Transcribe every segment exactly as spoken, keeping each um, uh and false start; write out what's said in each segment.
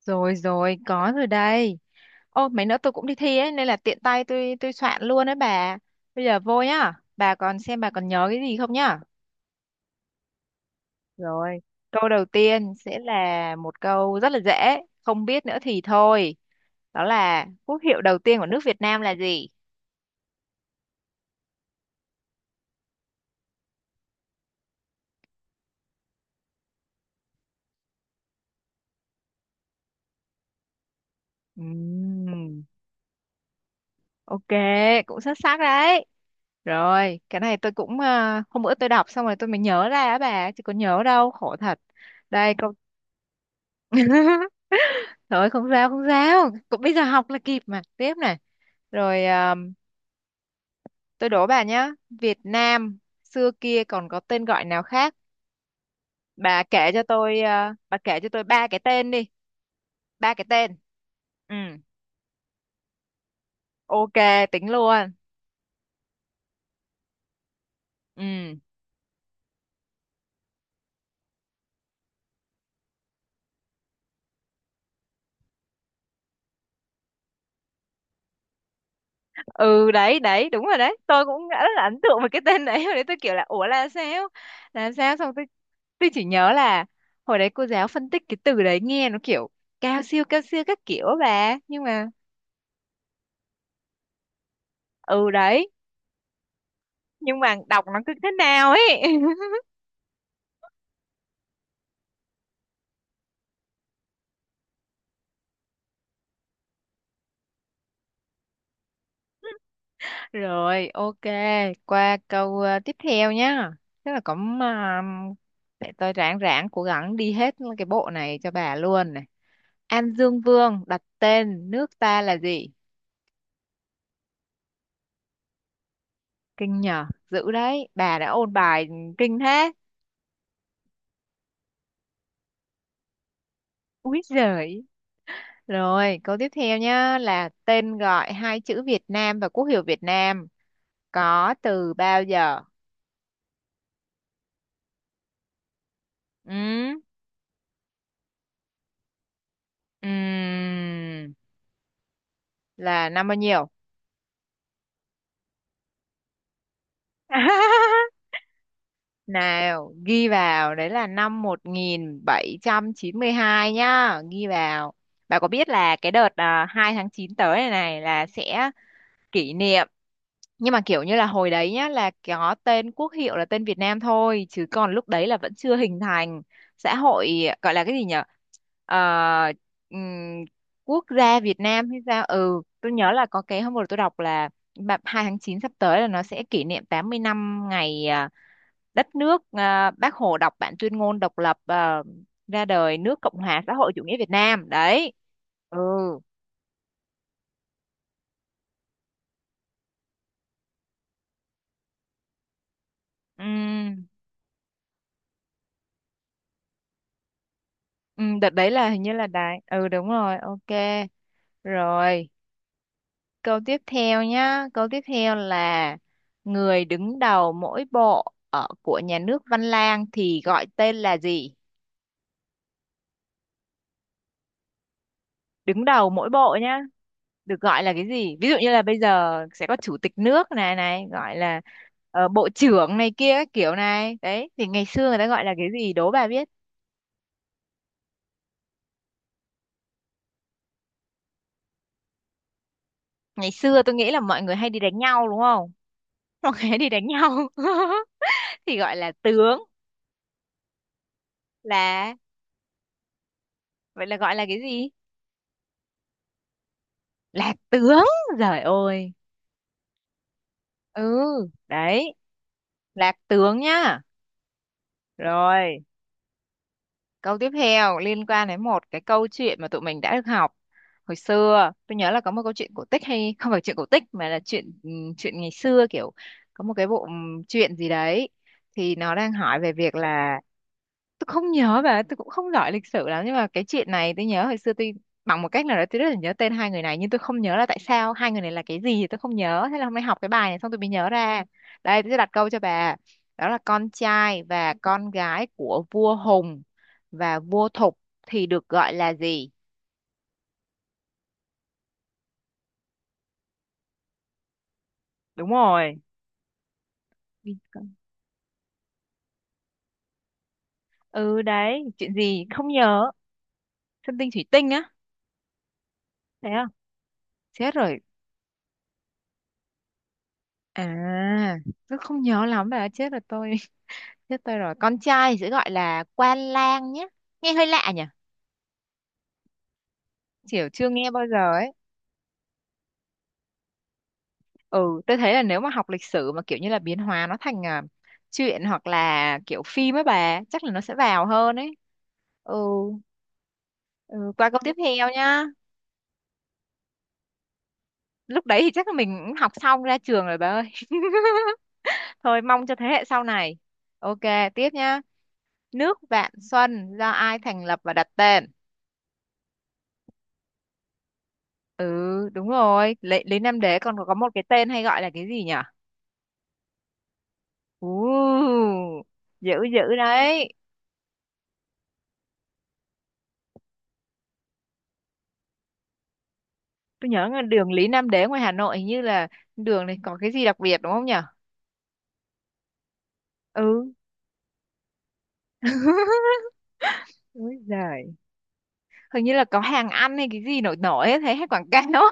Rồi rồi, có rồi đây. Ô, mấy nữa tôi cũng đi thi ấy, nên là tiện tay tôi tôi soạn luôn đấy bà. Bây giờ vô nhá. Bà còn xem bà còn nhớ cái gì không nhá. Rồi, câu đầu tiên sẽ là một câu rất là dễ, không biết nữa thì thôi. Đó là quốc hiệu đầu tiên của nước Việt Nam là gì? Ừm, ok, cũng xuất sắc đấy. Rồi, cái này tôi cũng ờ, hôm bữa tôi đọc xong rồi tôi mới nhớ ra á bà, chứ có nhớ đâu, khổ thật. Đây câu Thôi, không sao không sao. Cũng bây giờ học là kịp mà. Tiếp này. Rồi à, tôi đố bà nhá. Việt Nam xưa kia còn có tên gọi nào khác. Bà kể cho tôi à, Bà kể cho tôi ba cái tên đi. Ba cái tên. Ừ, ok, tính luôn. Ừ, ừ đấy đấy đúng rồi đấy. Tôi cũng đã rất là ấn tượng với cái tên đấy. Hồi đấy tôi kiểu là ủa là sao. Là sao, xong tôi, tôi chỉ nhớ là hồi đấy cô giáo phân tích cái từ đấy nghe nó kiểu cao siêu cao siêu các kiểu bà. Nhưng mà ừ đấy nhưng mà đọc nó cứ thế nào ấy. Rồi ok, qua câu ờ, tiếp theo nhá. Tức là cũng uh, để tôi ráng ráng cố gắng đi hết cái bộ này cho bà luôn này. An Dương Vương đặt tên nước ta là gì? Kinh nhờ, dữ đấy bà đã ôn bài, kinh thế. Úi giời. Rồi câu tiếp theo nhá là tên gọi hai chữ Việt Nam và quốc hiệu Việt Nam có từ bao giờ? Ừ, ừm, là năm bao nhiêu? Nào, ghi vào, đấy là năm một nghìn bảy trăm chín mươi hai nhá, ghi vào. Bà có biết là cái đợt à, hai tháng chín tới này này là sẽ kỷ niệm, nhưng mà kiểu như là hồi đấy nhá là có tên quốc hiệu là tên Việt Nam thôi, chứ còn lúc đấy là vẫn chưa hình thành xã hội gọi là cái gì nhở. Ờ, ừm, Quốc gia Việt Nam hay sao? Ừ, tôi nhớ là có cái hôm vừa tôi đọc là bà- hai tháng chín sắp tới là nó sẽ kỷ niệm tám mươi năm ngày à, đất nước à, Bác Hồ đọc bản tuyên ngôn độc lập à, ra đời nước Cộng hòa xã hội chủ nghĩa Việt Nam đấy. Ừ. Ừm, ừm, đợt đấy là hình như là đài, ừ đúng rồi, ok. Rồi, câu tiếp theo nhá, câu tiếp theo là người đứng đầu mỗi bộ ở của nhà nước Văn Lang thì gọi tên là gì? Đứng đầu mỗi bộ nhá, được gọi là cái gì, ví dụ như là bây giờ sẽ có chủ tịch nước này này gọi là ờ, bộ trưởng này kia các kiểu này đấy, thì ngày xưa người ta gọi là cái gì, đố bà biết. Ngày xưa tôi nghĩ là mọi người hay đi đánh nhau đúng không? Mọi người hay đi đánh nhau thì gọi là tướng. là Vậy là gọi là cái gì? Là tướng. Giời ơi. Ừ đấy, là tướng nhá. Rồi, câu tiếp theo liên quan đến một cái câu chuyện mà tụi mình đã được học hồi xưa. Tôi nhớ là có một câu chuyện cổ tích hay không phải chuyện cổ tích mà là chuyện ừm, chuyện ngày xưa kiểu có một cái bộ ừm, chuyện gì đấy thì nó đang hỏi về việc là tôi không nhớ bà, tôi cũng không giỏi lịch sử lắm nhưng mà cái chuyện này tôi nhớ hồi xưa tôi, bằng một cách nào đó tôi rất là nhớ tên hai người này nhưng tôi không nhớ là tại sao hai người này là cái gì thì tôi không nhớ, thế là hôm nay học cái bài này xong tôi mới nhớ ra. Đây tôi sẽ đặt câu cho bà, đó là con trai và con gái của vua Hùng và vua Thục thì được gọi là gì? Đúng rồi. Vì con- ừ đấy, chuyện gì không nhớ. Sơn Tinh Thủy Tinh á? Thế không? Chết rồi. À, tôi không nhớ lắm bà, chết rồi tôi. Chết tôi rồi. Con trai thì sẽ gọi là quan lang nhé. Nghe hơi lạ nhỉ? Kiểu chưa nghe bao giờ ấy. Ừ, tôi thấy là nếu mà học lịch sử mà kiểu như là biến hóa nó thành à, truyện hoặc là kiểu phim ấy bà, chắc là nó sẽ vào hơn ấy. Ừ, ừ, qua câu tiếp theo nhá. Lúc đấy thì chắc là mình cũng học xong ra trường rồi bà ơi. Thôi mong cho thế hệ sau này. Ok, tiếp nhá. Nước Vạn Xuân do ai thành lập và đặt tên? Ừ, đúng rồi. Lý, Lý Nam Đế còn có một cái tên hay gọi là cái gì nhỉ? Ồ, dữ dữ đấy. Tôi nhớ là đường Lý Nam Đế ngoài Hà Nội, hình như là đường này có cái gì đặc biệt đúng không nhỉ? Ừ. Úi giời. Hình như là có hàng ăn hay cái gì nổi nổi ấy, thấy hay quảng cáo.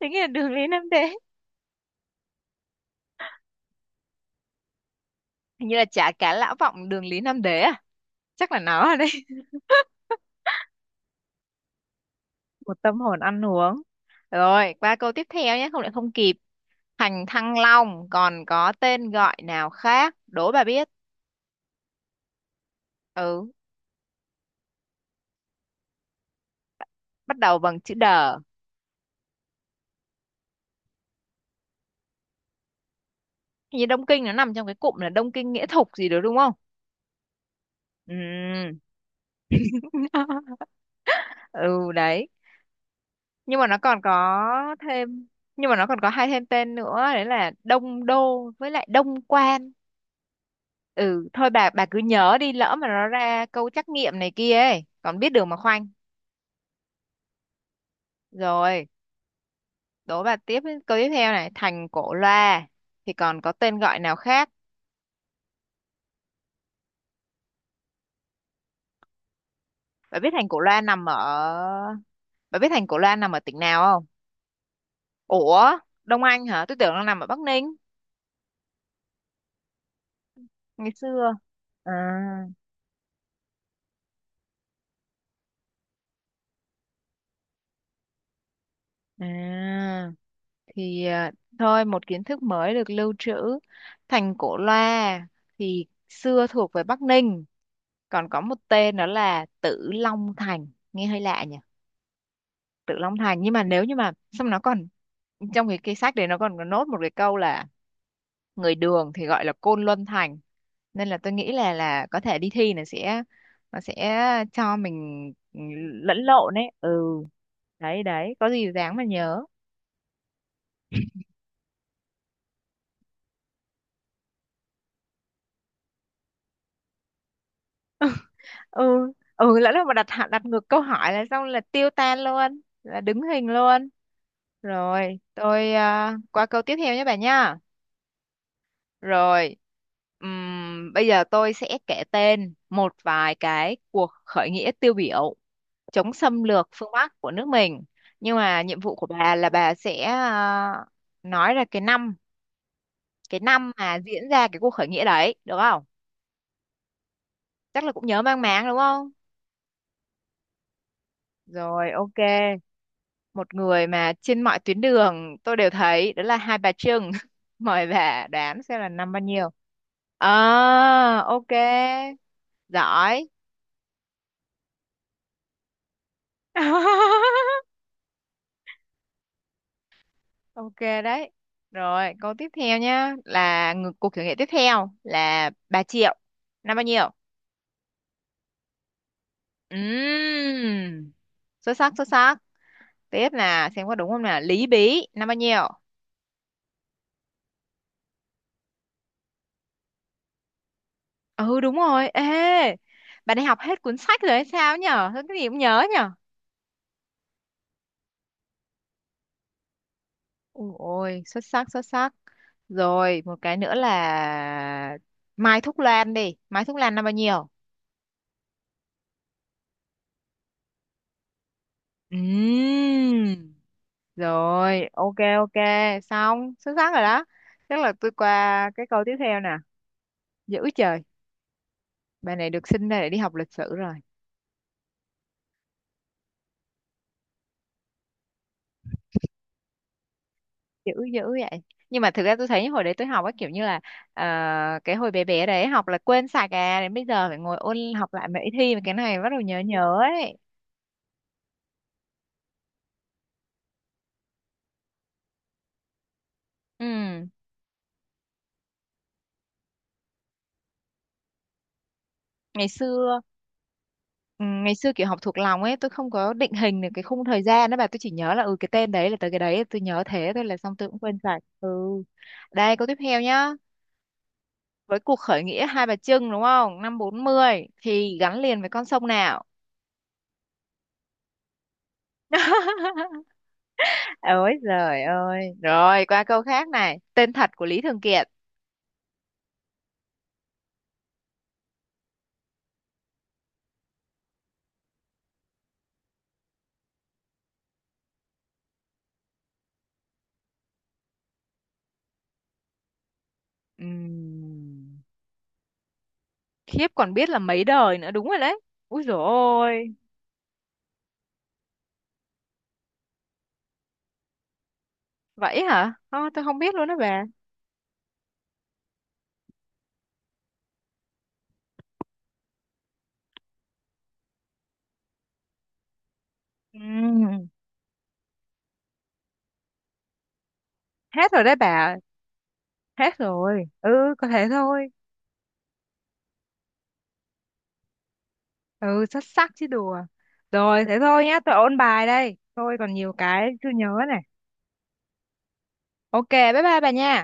Thế nghĩa là đường Lý Nam Đế. Hình như là chả cá Lã Vọng đường Lý Nam Đế à? Chắc là nó ở đây. Một tâm hồn ăn uống. Rồi, qua câu tiếp theo nhé, không lại không kịp. Thành Thăng Long còn có tên gọi nào khác? Đố bà biết. Ừ, bắt đầu bằng chữ đờ. Hình như Đông Kinh nó nằm trong cái cụm là Đông Kinh Nghĩa Thục gì đó đúng không? Ừ. Ừ đấy, nhưng mà nó còn có thêm, nhưng mà nó còn có hai thêm tên nữa đấy là Đông Đô với lại Đông Quan. Ừ thôi bà bà cứ nhớ đi, lỡ mà nó ra câu trắc nghiệm này kia ấy còn biết đường mà khoanh. Rồi, đố bà tiếp, câu tiếp theo này, thành Cổ Loa thì còn có tên gọi nào khác? bà biết thành Cổ Loa nằm ở bà biết thành Cổ Loa nằm ở tỉnh nào không? Ủa. Đông Anh hả? Tôi tưởng nó nằm ở Bắc Ninh ngày xưa. À, À, thì à, thôi một kiến thức mới được lưu trữ. Thành Cổ Loa thì xưa thuộc về Bắc Ninh, còn có một tên đó là Tử Long Thành, nghe hơi lạ nhỉ? Tử Long Thành, nhưng mà nếu như mà xong nó còn trong cái cái sách đấy nó còn có nốt một cái câu là người Đường thì gọi là Côn Luân Thành. Nên là tôi nghĩ là là có thể đi thi là sẽ nó sẽ cho mình ừ, lẫn lộn ấy. Ừ, đấy đấy, có gì dáng mà nhớ. Ừ ừ, lỡ đâu mà đặt hạ- đặt ngược câu hỏi là xong là tiêu tan luôn, là đứng hình luôn. Rồi tôi à, qua câu tiếp theo nhé bà nha. Rồi, ừm, bây giờ tôi sẽ kể tên một vài cái cuộc khởi nghĩa tiêu biểu chống xâm lược phương Bắc của nước mình. Nhưng mà nhiệm vụ của bà là bà sẽ à, nói ra cái năm cái năm mà diễn ra cái cuộc khởi nghĩa đấy được không? Chắc là cũng nhớ mang máng đúng không? Rồi ok, một người mà trên mọi tuyến đường tôi đều thấy đó là Hai Bà Trưng, mời bà đoán xem là năm bao nhiêu. À ok, giỏi. Ok đấy. Rồi câu tiếp theo nhá là ngược cuộc thử nghiệm tiếp theo là bà Triệu năm bao nhiêu? Ừm, xuất sắc xuất sắc. Tiếp là xem có đúng không nào, Lý Bí năm bao nhiêu? Ừ đúng rồi. Ê bà đi học hết cuốn sách rồi hay sao nhở, sao cái gì cũng nhớ nhở? Ôi, xuất sắc, xuất sắc. Rồi, một cái nữa là Mai Thúc Loan đi. Mai Thúc Loan là bao nhiêu? Ừm. Rồi, ok, ok. Xong, xuất sắc rồi đó. Chắc là tôi qua cái câu tiếp theo nè. Dữ trời, bài này được sinh ra để đi học lịch sử rồi. Dữ, dữ vậy. Nhưng mà thực ra tôi thấy hồi đấy tôi học á kiểu như là ờ, cái hồi bé bé đấy học là quên sạch à. Đến bây giờ phải ngồi ôn học lại mấy thi mà cái này bắt đầu nhớ nhớ ấy. Ừ, ngày xưa Ừ, ngày xưa kiểu học thuộc lòng ấy tôi không có định hình được cái khung thời gian đó bà, tôi chỉ nhớ là ừ cái tên đấy là tới cái đấy, tôi nhớ thế thôi, là xong tôi cũng quên sạch. Ừ, đây câu tiếp theo nhá, với cuộc khởi nghĩa Hai Bà Trưng đúng không, năm bốn mươi thì gắn liền với con sông nào? Ôi giời ơi. Rồi qua câu khác này, tên thật của Lý Thường Kiệt. Ừm, khiếp, còn biết là mấy đời nữa, đúng rồi đấy. Úi dồi ôi. Vậy hả? Ờ, tôi không biết luôn đó bà. Ừm, hết rồi đấy bà. Hết rồi. Ừ, có thế thôi. Ừ, xuất sắc chứ đùa. Rồi, thế thôi nhá, tôi ôn bài đây. Tôi còn nhiều cái chưa nhớ này. Ok, bye bye bà nha.